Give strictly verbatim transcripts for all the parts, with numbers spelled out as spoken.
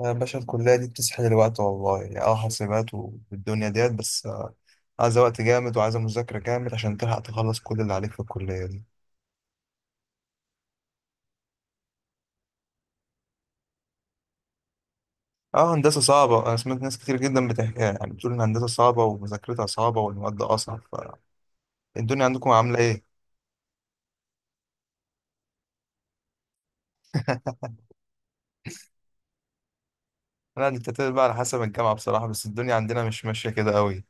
يا باشا الكلية دي بتسحل الوقت والله يعني اه حاسبات والدنيا ديت بس، آه، عايزة وقت جامد وعايزة مذاكرة جامد عشان تلحق تخلص كل اللي عليك في الكلية دي. اه، هندسة صعبة، أنا سمعت ناس كتير جدا بتحكي، يعني بتقول إن هندسة صعبة ومذاكرتها صعبة والمواد أصعب. فالدنيا عندكم عاملة إيه؟ لا، دي بتعتمد بقى على حسب الجامعة بصراحة، بس الدنيا عندنا مش ماشية كده قوي.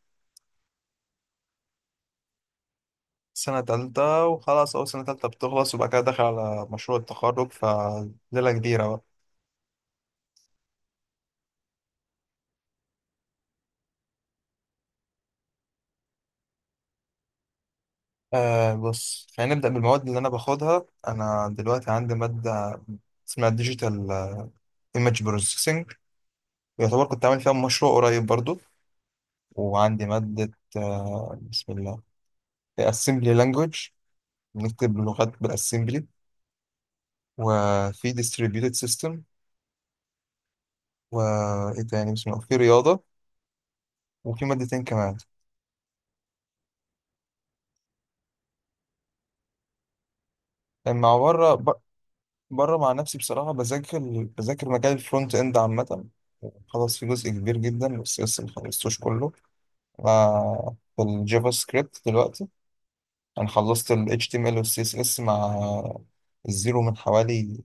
سنة تالتة، وخلاص أول سنة تالتة بتخلص وبعد كده داخل على مشروع التخرج، فليلة كبيرة بقى. آه بص، خلينا نبدأ بالمواد اللي أنا باخدها. أنا دلوقتي عندي مادة اسمها ديجيتال ايمج بروسيسنج، يعتبر كنت عامل فيها مشروع قريب برضو. وعندي مادة، آه بسم الله، assembly language، بنكتب لغات بالاسمبلي. وفي distributed system. وإيه تاني، بسم الله، في رياضة. وفي مادتين كمان. مع بره ب- بره مع نفسي بصراحة بذاكر بذاكر مجال الفرونت إند عامة. خلاص، في جزء كبير جدا بس لسه ما خلصتوش كله. آه، في الجافا سكريبت دلوقتي انا خلصت ال H T M L وال C S S مع الزيرو من حوالي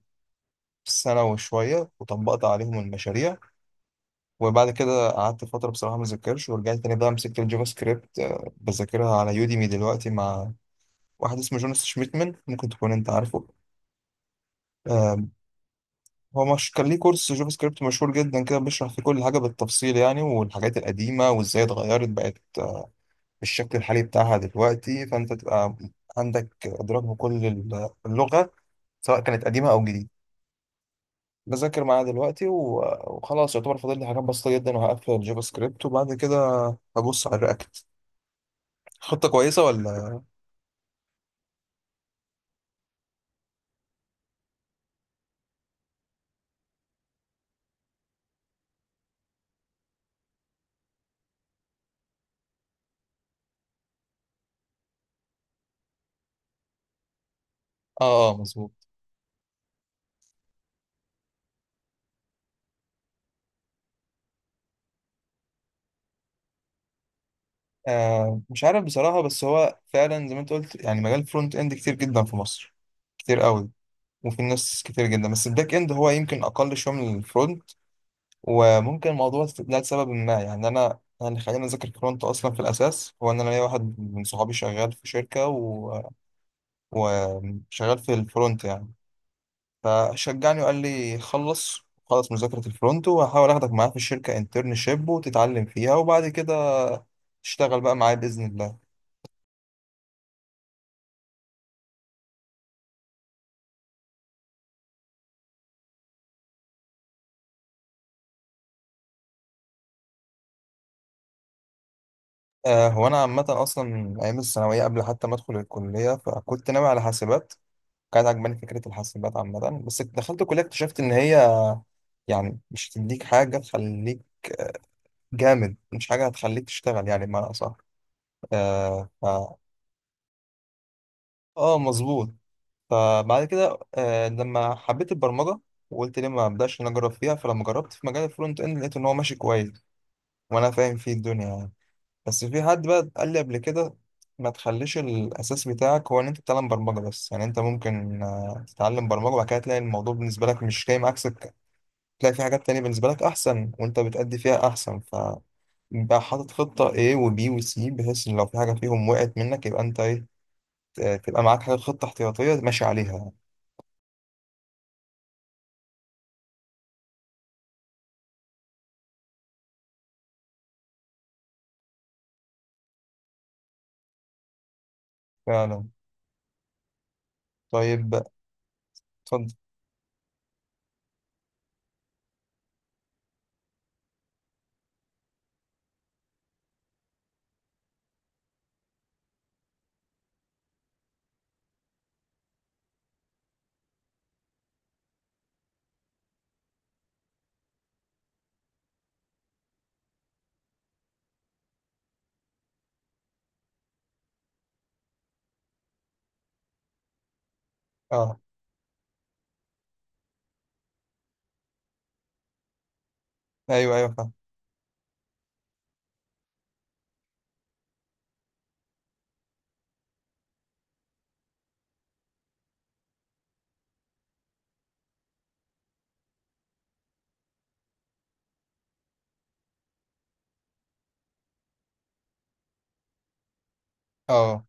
سنة وشوية، وطبقت عليهم المشاريع. وبعد كده قعدت فترة بصراحة ما ذاكرش، ورجعت تاني بقى مسكت الجافا سكريبت، آه، بذاكرها على يوديمي دلوقتي مع واحد اسمه جوناس شميتمن، ممكن تكون انت عارفه. آه، هو مش كان ليه كورس جافا سكريبت مشهور جدا كده، بيشرح فيه كل حاجة بالتفصيل، يعني والحاجات القديمة وازاي اتغيرت بقت بالشكل الحالي بتاعها دلوقتي، فانت تبقى عندك ادراك بكل ال- اللغه، سواء كانت قديمه او جديده. بذاكر معاها دلوقتي و- وخلاص، يعتبر فاضل لي حاجات بسيطه جدا، وهقفل الجافا سكريبت وبعد كده هبص على الرياكت. خطه كويسه ولا؟ اه اه، مظبوط. آه مش عارف بصراحه، بس هو فعلا زي ما انت قلت، يعني مجال فرونت اند كتير جدا في مصر، كتير قوي. وفي ناس كتير جدا، بس الباك اند هو يمكن اقل شويه من الفرونت. وممكن موضوع استبدال سبب ما، يعني انا يعني خلينا نذاكر كرونت، اصلا في الاساس هو ان انا ليا واحد من صحابي شغال في شركه و... وشغال في الفرونت يعني. فشجعني وقال لي خلص خلص مذاكره الفرونت، وهحاول اخدك معايا في الشركه انترنشيب وتتعلم فيها، وبعد كده تشتغل بقى معايا باذن الله. آه هو انا عامه اصلا من ايام الثانويه قبل حتى ما ادخل الكليه، فكنت ناوي على حاسبات، كانت عجباني فكره الحاسبات عامه. بس دخلت الكليه اكتشفت ان هي يعني مش هتديك حاجة تخليك جامد، مش حاجة هتخليك تشتغل يعني بمعنى أصح. آه ف... آه، مظبوط. فبعد كده، آه لما حبيت البرمجة وقلت ليه ما أبدأش إن أنا أجرب فيها، فلما جربت في مجال الفرونت إند لقيت إن هو ماشي كويس، وأنا فاهم فيه الدنيا يعني. بس في حد بقى قال لي قبل كده، ما تخليش الأساس بتاعك هو إن أنت تتعلم برمجة بس، يعني أنت ممكن آه تتعلم برمجة وبعد كده تلاقي الموضوع بالنسبة لك مش جاي معاك سكة، تلاقي في حاجات تانية بالنسبة لك أحسن وأنت بتأدي فيها أحسن. انت حاطط خطة A و B و C، بحيث ان لو في حاجة فيهم وقعت منك يبقى انت ايه، ت- تبقى معاك حاجة، خطة احتياطية ماشي عليها يعني. فعلا. طيب، اتفضل. اه، ايوه ايوه، فاهم. اه،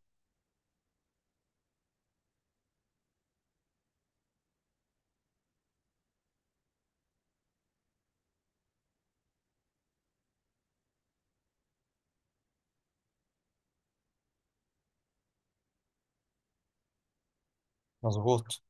مظبوط.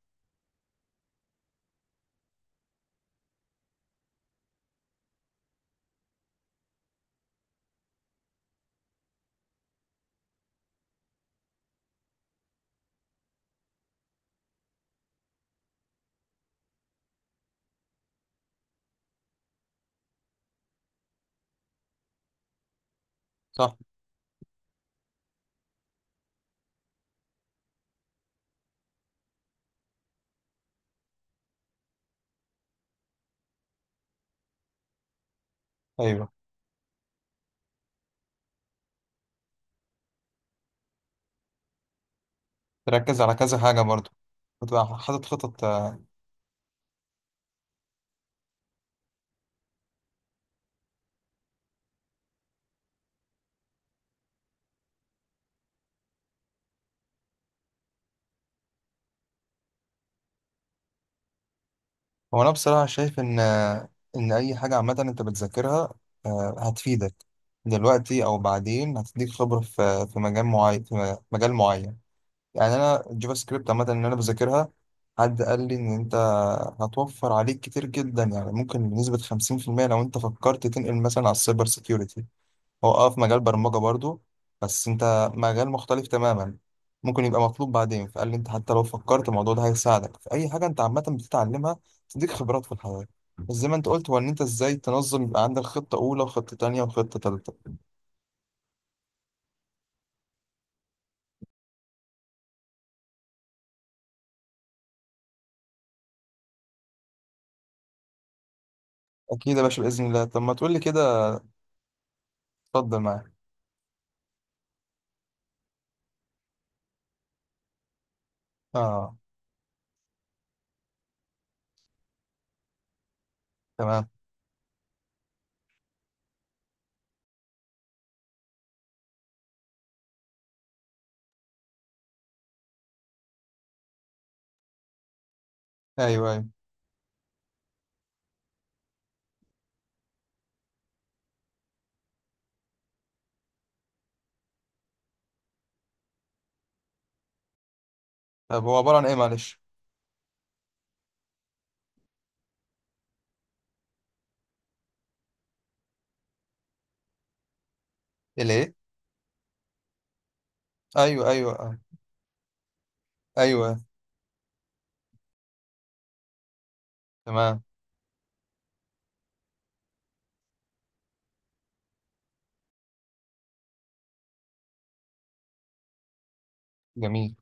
صح. ايوه، تركز على كذا حاجة برضو، وتبقى حاطط خطط آه. هو انا بصراحة شايف ان، آه، ان اي حاجة عامة انت بتذاكرها، آه، هتفيدك دلوقتي او بعدين، هتديك خبرة في في مجال معين، في مجال معين. يعني انا الجافا سكريبت عامه ان انا بذاكرها، حد قال لي ان انت هتوفر عليك كتير جدا، يعني ممكن بنسبه خمسين في المية لو انت فكرت تنقل مثلا على السايبر سيكيورتي. هو اه في مجال برمجه برضو، بس انت مجال مختلف تماما، ممكن يبقى مطلوب بعدين. فقال لي انت حتى لو فكرت، الموضوع ده هيساعدك في اي حاجه انت عامه بتتعلمها، تديك خبرات في الحياه. بس زي ما انت قلت، هو ان انت ازاي تنظم، يبقى عندك خطه اولى وخطه تانيه وخطه تالته. اكيد يا باشا، باذن الله. طب ما تقول لي كده، اتفضل معايا. اه، تمام. ايوه، أيوه. طب هو عبارة عن ايه، معلش؟ الايه؟ ايوه ايوه، آه. ايوه. تمام. جميل.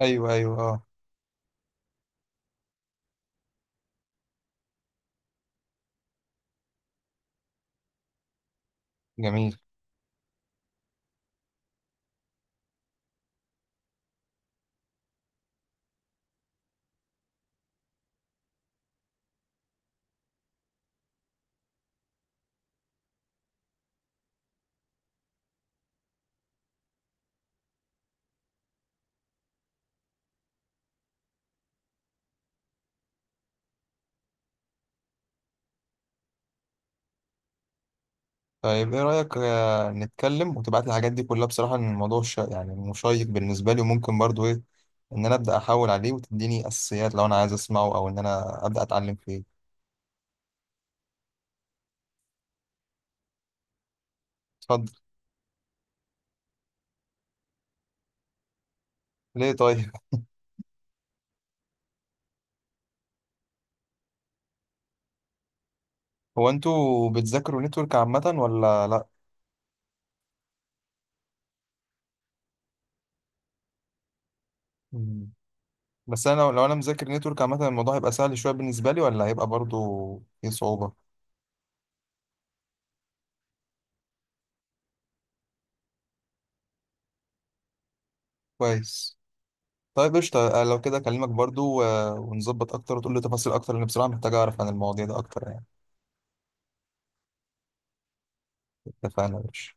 ايوه ايوه، اه. جميل. طيب، ايه رأيك آه، نتكلم وتبعت لي الحاجات دي كلها، بصراحة ان الموضوع ش... يعني مشيق بالنسبة لي، وممكن برضو ايه، ان انا ابدا احاول عليه وتديني اساسيات، لو انا عايز اسمعه او ان انا ابدا اتعلم فيه. اتفضل. ليه طيب؟ هو انتوا بتذاكروا نتورك عامة ولا لا؟ مم. بس انا لو لو انا مذاكر نتورك عامة، الموضوع هيبقى سهل شوية بالنسبة لي، ولا هيبقى برضو فيه صعوبة؟ كويس. طيب، قشطة، آه، لو كده أكلمك برضو آه، ونظبط أكتر، وتقول لي تفاصيل أكتر، لأن بصراحة محتاج أعرف عن المواضيع ده أكتر يعني. اتفقنا يا باشا.